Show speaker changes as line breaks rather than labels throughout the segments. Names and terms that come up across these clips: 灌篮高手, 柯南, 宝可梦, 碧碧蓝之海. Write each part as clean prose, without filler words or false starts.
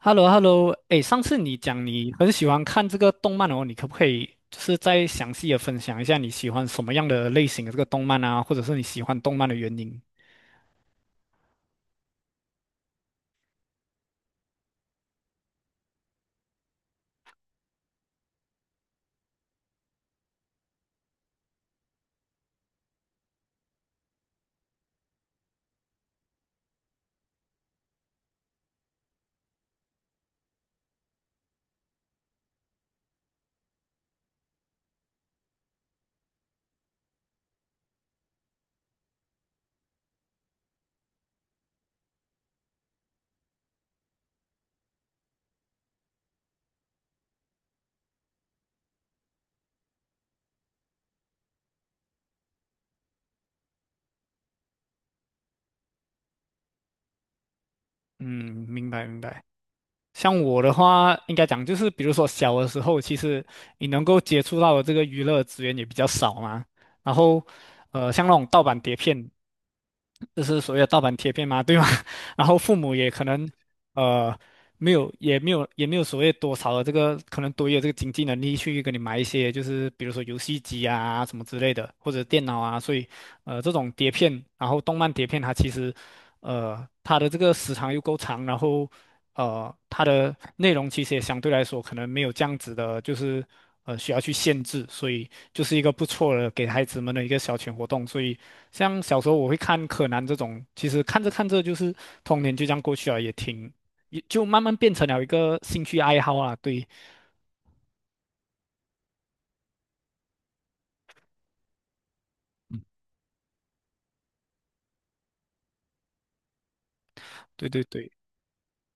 h e l l o h e l l o 哎，上次你讲你很喜欢看这个动漫哦，你可不可以就是再详细的分享一下你喜欢什么样的类型的这个动漫啊，或者是你喜欢动漫的原因？嗯，明白明白。像我的话，应该讲就是，比如说小的时候，其实你能够接触到的这个娱乐资源也比较少嘛。然后，像那种盗版碟片，就是所谓的盗版贴片嘛，对吗？然后父母也可能。呃。没有，也没有，也没有所谓多少的这个，可能多有这个经济能力去给你买一些，就是比如说游戏机啊什么之类的，或者电脑啊。所以，这种碟片，然后动漫碟片，它其实，它的这个时长又够长，然后，它的内容其实也相对来说可能没有这样子的，就是需要去限制，所以就是一个不错的给孩子们的一个消遣活动。所以，像小时候我会看柯南这种，其实看着看着就是童年就这样过去了，也挺。也就慢慢变成了一个兴趣爱好啊。对，对对对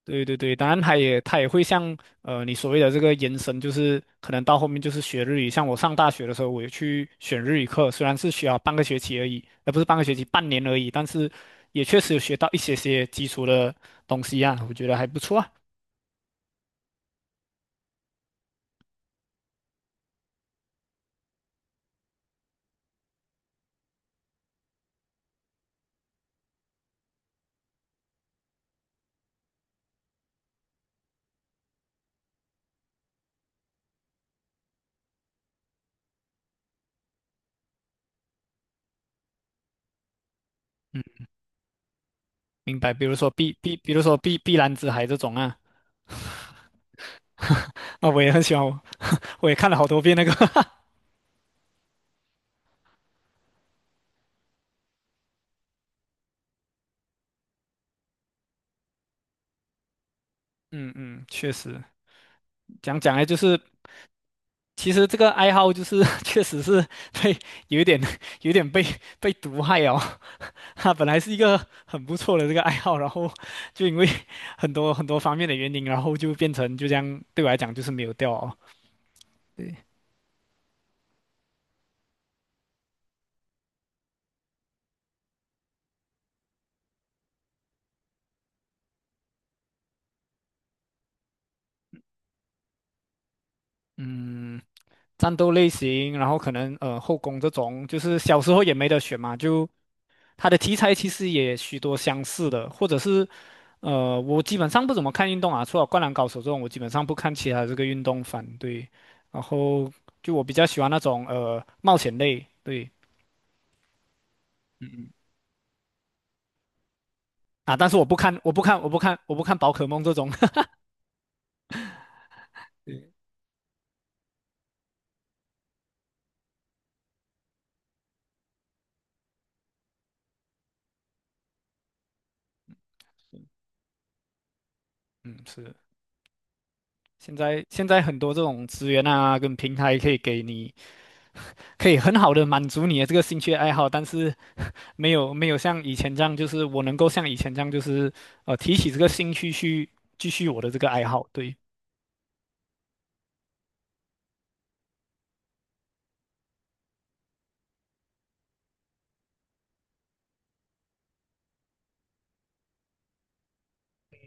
对对对，当然他也会像你所谓的这个延伸，就是可能到后面就是学日语。像我上大学的时候，我也去选日语课，虽然是学了半个学期而已，而不是半个学期，半年而已，但是也确实有学到一些些基础的东西啊，我觉得还不错啊。嗯，明白。比如说碧碧蓝之海这种啊，啊，我也很喜欢，我也看了好多遍那个。嗯嗯，确实，讲讲来就是其实这个爱好就是 确实是被有一点有一点被毒害哦，它本来是一个很不错的这个爱好，然后就因为很多很多方面的原因，然后就变成就这样对我来讲就是没有掉哦。嗯，战斗类型，然后可能后宫这种，就是小时候也没得选嘛，就它的题材其实也许多相似的，或者是，我基本上不怎么看运动啊，除了《灌篮高手》这种，我基本上不看其他这个运动番。对，然后就我比较喜欢那种冒险类，对啊，但是我不看，我不看，我不看，我不看宝可梦这种。对嗯，是，现在很多这种资源啊，跟平台可以给你。可以很好的满足你的这个兴趣爱好，但是 没有没有像以前这样，就是我能够像以前这样，就是提起这个兴趣去继续我的这个爱好。对，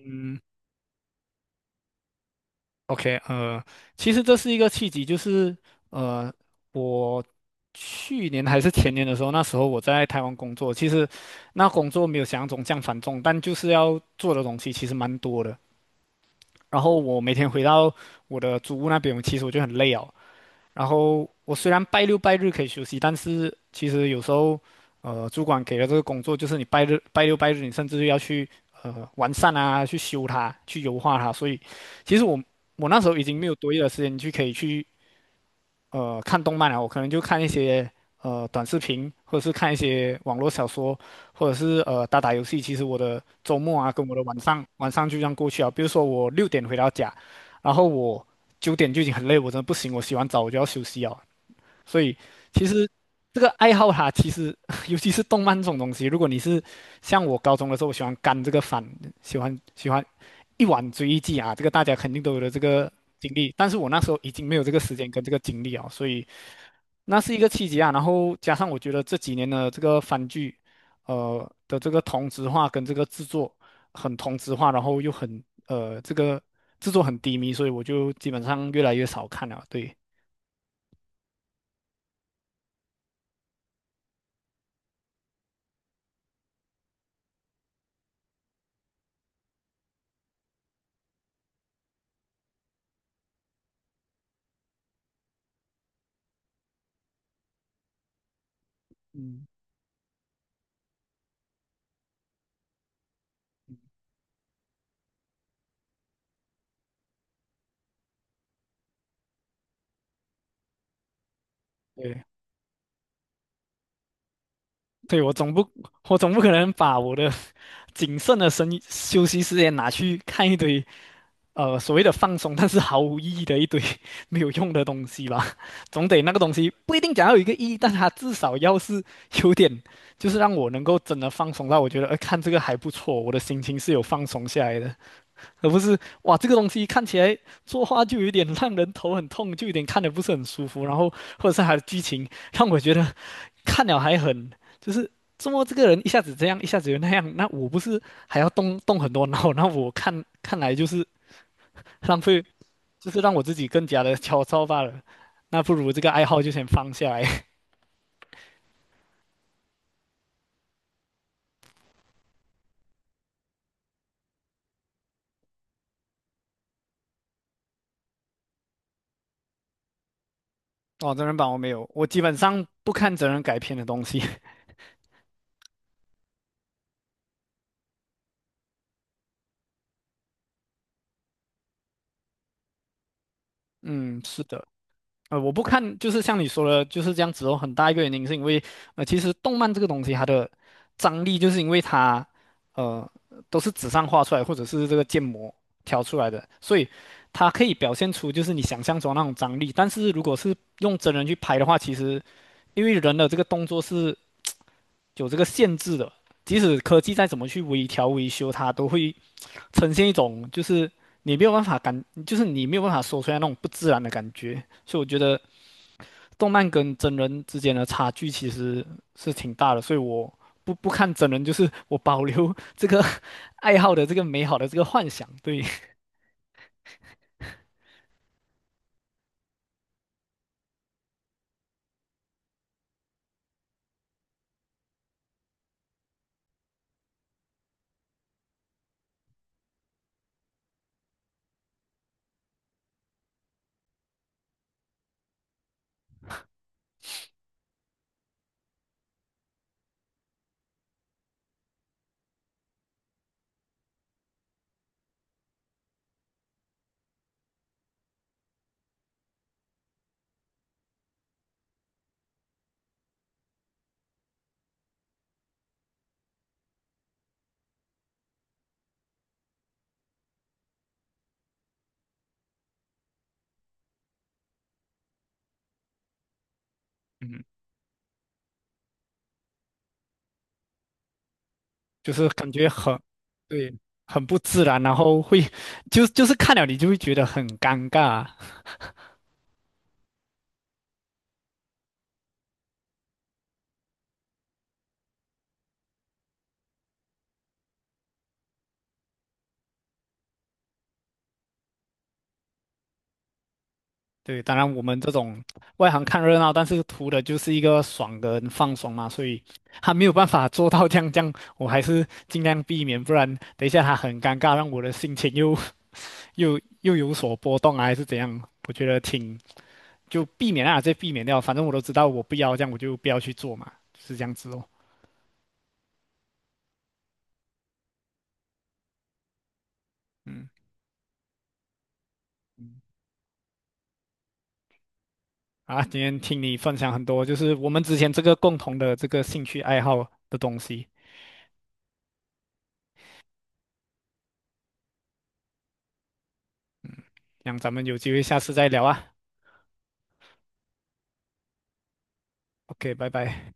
嗯，OK，其实这是一个契机，就是呃我去年还是前年的时候，那时候我在台湾工作，其实那工作没有想象中这样繁重，但就是要做的东西其实蛮多的。然后我每天回到我的祖屋那边，其实我就很累哦。然后我虽然拜六拜日可以休息，但是其实有时候，主管给了这个工作，就是你拜日、拜六拜日，你甚至要去完善啊，去修它，去优化它。所以，其实我那时候已经没有多余的时间去可以去看动漫了，我可能就看一些短视频，或者是看一些网络小说，或者是打打游戏。其实我的周末啊，跟我的晚上就这样过去啊。比如说我六点回到家，然后我九点就已经很累，我真的不行，我洗完澡我就要休息啊。所以其实这个爱好它其实 尤其是动漫这种东西，如果你是像我高中的时候，我喜欢干这个番，喜欢一晚追一季啊，这个大家肯定都有的这个经历。但是我那时候已经没有这个时间跟这个精力啊，所以那是一个契机啊。然后加上我觉得这几年的这个番剧，的这个同质化跟这个制作很同质化，然后又很这个制作很低迷，所以我就基本上越来越少看了。对，嗯，对。对，我总不可能把我的 谨慎的生休息时间拿去看一堆所谓的放松，但是毫无意义的一堆 没有用的东西吧？总得那个东西不一定讲要有一个意义，但它至少要是 有点，就是让我能够真的放松到我觉得，看这个还不错，我的心情是有放松下来的，而不是哇这个东西看起来作画就有点 让人头很痛，就有点看的不是很舒服，然后或者是它的剧情让我觉得。看了还很，就是怎么这个人一下子这样，一下子又那样，那我不是还要动动很多脑？那我看看来就是浪费，就是让我自己更加的焦躁罢了。那不如这个爱好就先放下来。哦，真人版我没有，我基本上不看真人改编的东西。嗯，是的。我不看，就是像你说的，就是这样子哦。很大一个原因是因为，其实动漫这个东西它的张力，就是因为它，呃，都是纸上画出来，或者是这个建模调出来的，所以它可以表现出就是你想象中那种张力。但是如果是用真人去拍的话，其实因为人的这个动作是有这个限制的，即使科技再怎么去微调、维修，它都会呈现一种就是你没有办法感，就是你没有办法说出来那种不自然的感觉。所以我觉得。动漫跟真人之间的差距其实是挺大的，所以我不看真人，就是我保留这个 爱好的这个美好的这个幻想，对，嗯，就是感觉很，对，很不自然，然后会就是看了你就会觉得很尴尬，对，当然我们这种外行看热闹，但是图的就是一个爽跟放松嘛，所以他没有办法做到这样这样，我还是尽量避免，不然等一下他很尴尬，让我的心情又有所波动啊，还是怎样？我觉得挺就避免啊，这避免掉。反正我都知道我不要这样，我就不要去做嘛，是这样子哦。啊，今天听你分享很多，就是我们之前这个共同的这个兴趣爱好的东西，让咱们有机会下次再聊啊。OK，拜拜。